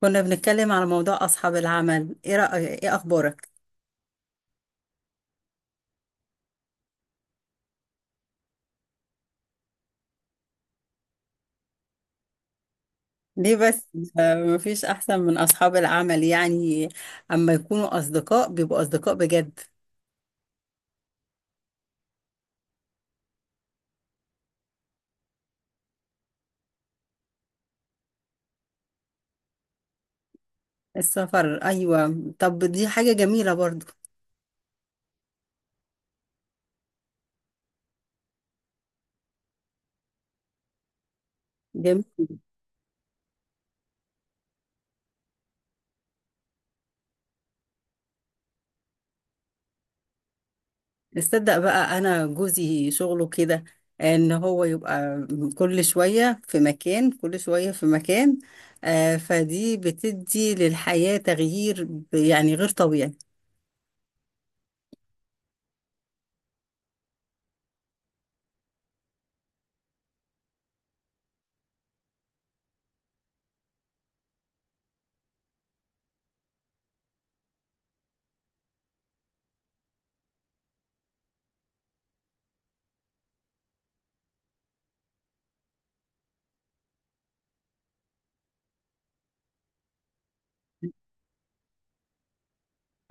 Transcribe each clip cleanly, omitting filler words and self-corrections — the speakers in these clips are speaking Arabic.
كنا بنتكلم على موضوع أصحاب العمل. إيه رأيك؟ إيه أخبارك؟ ليه بس؟ مفيش أحسن من أصحاب العمل يعني. أما يكونوا أصدقاء، بيبقوا أصدقاء بجد. السفر، أيوة. طب دي حاجة جميلة برضو. جميل. تصدق بقى؟ أنا جوزي شغله كده، إن هو يبقى كل شوية في مكان، كل شوية في مكان. فدي بتدي للحياة تغيير يعني غير طبيعي.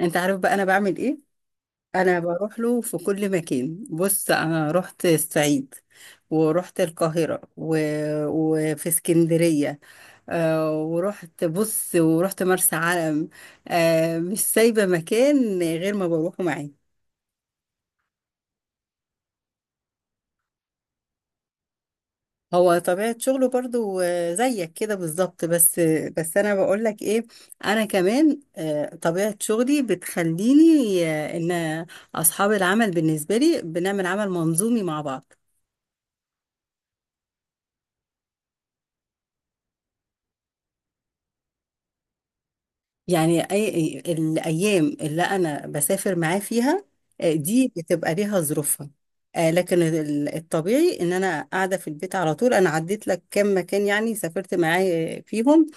أنت عارف بقى أنا بعمل إيه؟ انا بروح له في كل مكان. بص، انا رحت الصعيد، ورحت القاهرة، وفي اسكندرية، ورحت، بص، ورحت مرسى علم. مش سايبة مكان غير ما بروحه معاه. هو طبيعة شغله برضو، زيك كده بالظبط، بس. بس أنا بقولك إيه. أنا كمان، طبيعة شغلي بتخليني، إن أصحاب العمل بالنسبة لي بنعمل عمل منظومي مع بعض. يعني الأيام اللي أنا بسافر معاه فيها، دي بتبقى ليها ظروفها. لكن الطبيعي إن أنا قاعدة في البيت على طول. أنا عديت لك كام مكان يعني سافرت معاه فيهم.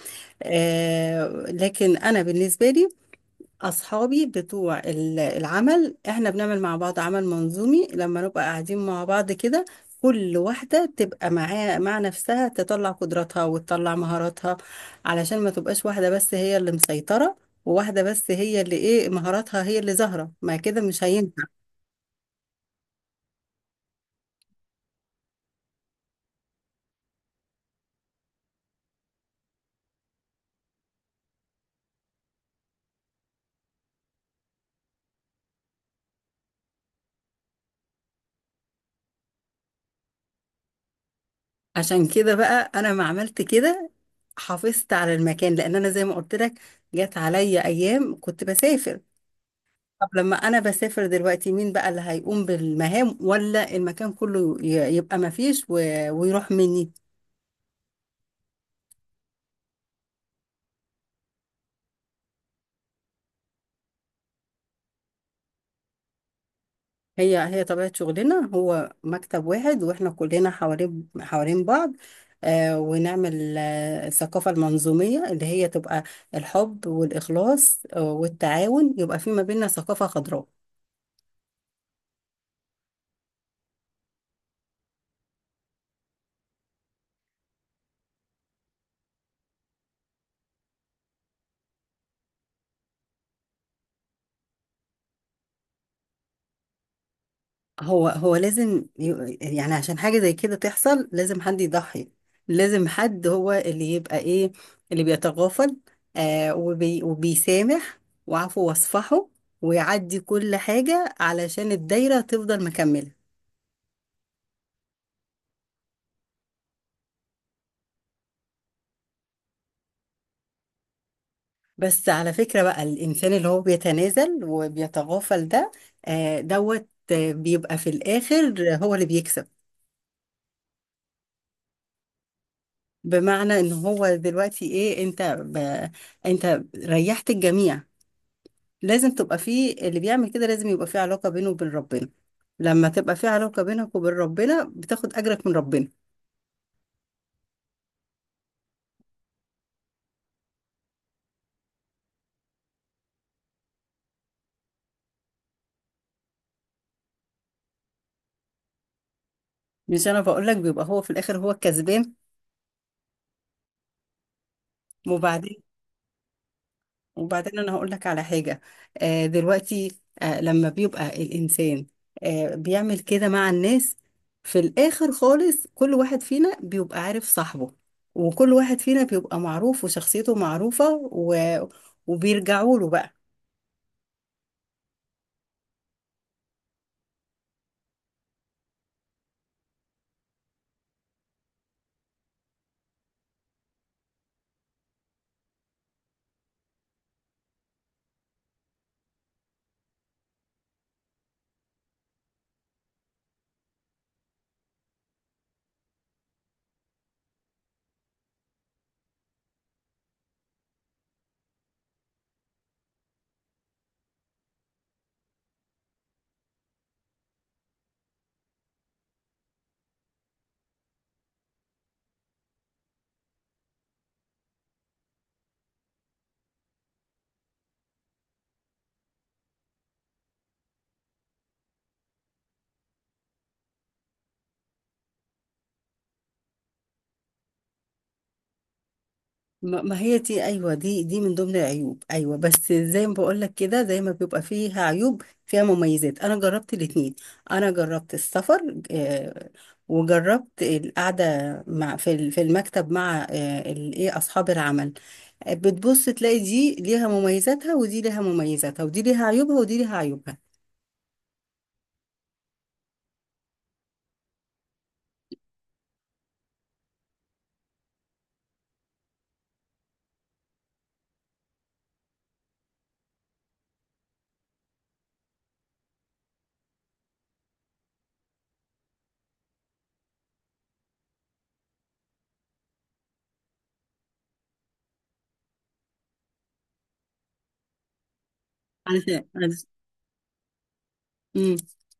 لكن أنا بالنسبة لي، أصحابي بتوع العمل، إحنا بنعمل مع بعض عمل منظومي لما نبقى قاعدين مع بعض كده. كل واحدة تبقى معاها مع نفسها، تطلع قدراتها وتطلع مهاراتها، علشان ما تبقاش واحدة بس هي اللي مسيطرة، وواحدة بس هي اللي إيه مهاراتها هي اللي ظاهرة. ما كده مش هينفع. عشان كده بقى أنا ما عملت كده، حافظت على المكان، لأن أنا زي ما قلت لك، جت عليا أيام كنت بسافر. طب لما انا بسافر دلوقتي، مين بقى اللي هيقوم بالمهام، ولا المكان كله يبقى ما فيش ويروح مني؟ هي طبيعة شغلنا، هو مكتب واحد، واحنا كلنا حوالين بعض، ونعمل الثقافة المنظومية اللي هي تبقى الحب والإخلاص والتعاون، يبقى في ما بيننا ثقافة خضراء. هو لازم، يعني عشان حاجة زي كده تحصل، لازم حد يضحي، لازم حد هو اللي يبقى ايه، اللي بيتغافل، وبيسامح، وعفو واصفحه، ويعدي كل حاجة، علشان الدايرة تفضل مكملة. بس على فكرة بقى، الإنسان اللي هو بيتنازل وبيتغافل ده، دوت، بيبقى في الآخر هو اللي بيكسب. بمعنى ان هو دلوقتي ايه، انت ريحت الجميع. لازم تبقى فيه اللي بيعمل كده، لازم يبقى فيه علاقة بينه وبين ربنا. لما تبقى فيه علاقة بينك وبين ربنا، بتاخد أجرك من ربنا. مش أنا بقول لك بيبقى هو في الآخر هو الكسبان. وبعدين، وبعدين أنا هقول لك على حاجة. دلوقتي، لما بيبقى الإنسان بيعمل كده مع الناس، في الآخر خالص كل واحد فينا بيبقى عارف صاحبه، وكل واحد فينا بيبقى معروف وشخصيته معروفة، و... وبيرجعوا له بقى. ما هي دي، ايوه، دي من ضمن العيوب، ايوه. بس زي ما بقول لك كده، زي ما بيبقى فيها عيوب، فيها مميزات. انا جربت الاتنين. انا جربت السفر، وجربت القعده مع، في في المكتب مع، ايه، اصحاب العمل. بتبص تلاقي دي ليها مميزاتها، ودي ليها مميزاتها، ودي ليها عيوبها، ودي ليها عيوبها. مم.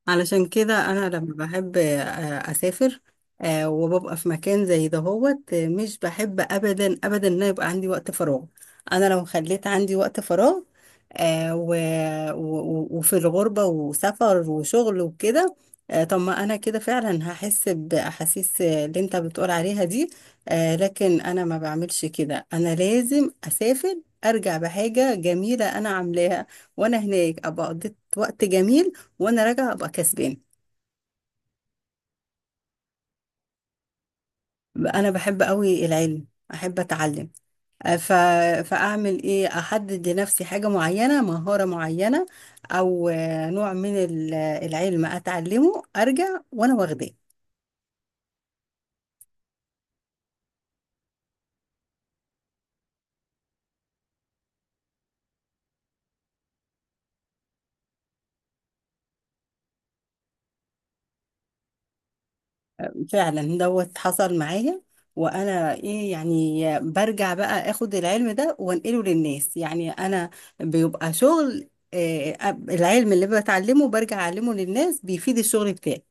علشان كده انا لما بحب اسافر، وببقى في مكان زي دهوت، مش بحب ابدا ابدا ان أنا يبقى عندي وقت فراغ. انا لو خليت عندي وقت فراغ، آه، و... وفي الغربة وسفر وشغل وكده، طب ما انا كده فعلا هحس باحاسيس، اللي انت بتقول عليها دي. لكن انا ما بعملش كده، انا لازم اسافر، ارجع بحاجة جميلة انا عاملاها، وانا هناك ابقى قضيت وقت جميل، وانا راجعه ابقى كسبان. انا بحب قوي العلم، احب اتعلم. أه، ف... فاعمل ايه، احدد لنفسي حاجه معينه، مهاره معينه، او نوع من العلم اتعلمه، ارجع وانا واخداه. فعلا دوت حصل معايا. وانا ايه يعني، برجع بقى اخد العلم ده وانقله للناس. يعني انا بيبقى شغل، العلم اللي بتعلمه برجع اعلمه للناس، بيفيد الشغل بتاعي.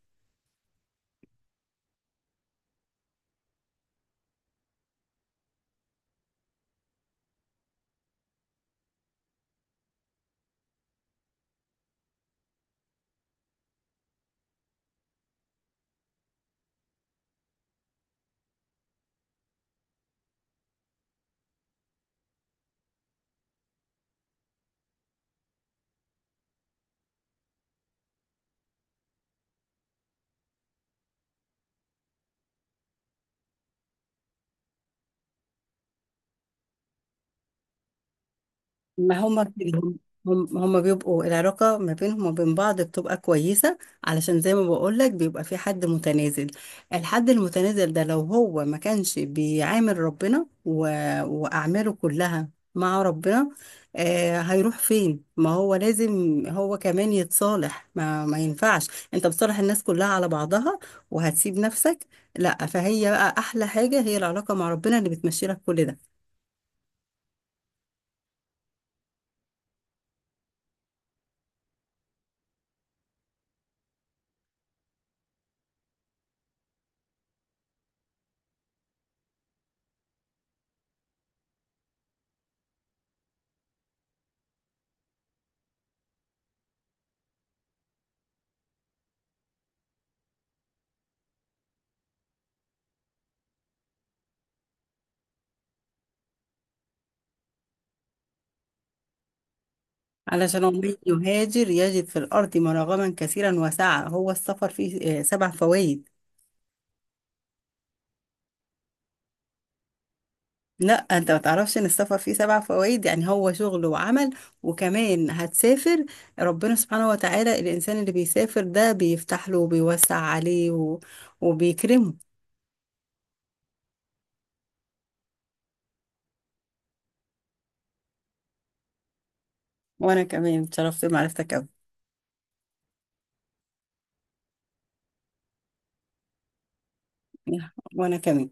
ما هما كده هم. هما بيبقوا العلاقة ما بينهم وبين بعض بتبقى كويسة، علشان زي ما بقولك بيبقى في حد متنازل. الحد المتنازل ده، لو هو ما كانش بيعامل ربنا وأعماله كلها مع ربنا، هيروح فين؟ ما هو لازم هو كمان يتصالح. ما ينفعش انت بتصالح الناس كلها على بعضها، وهتسيب نفسك. لا، فهي بقى أحلى حاجة هي العلاقة مع ربنا، اللي بتمشي لك كل ده. علشان ومن يهاجر يجد في الأرض مراغما كثيرا وسعة. هو السفر فيه، سبع فوائد. لا، انت ما تعرفش ان السفر فيه سبع فوائد؟ يعني هو شغل وعمل، وكمان هتسافر. ربنا سبحانه وتعالى الإنسان اللي بيسافر ده بيفتح له وبيوسع عليه وبيكرمه. وانا كمان اتشرفت بمعرفتك قوي. وانا كمان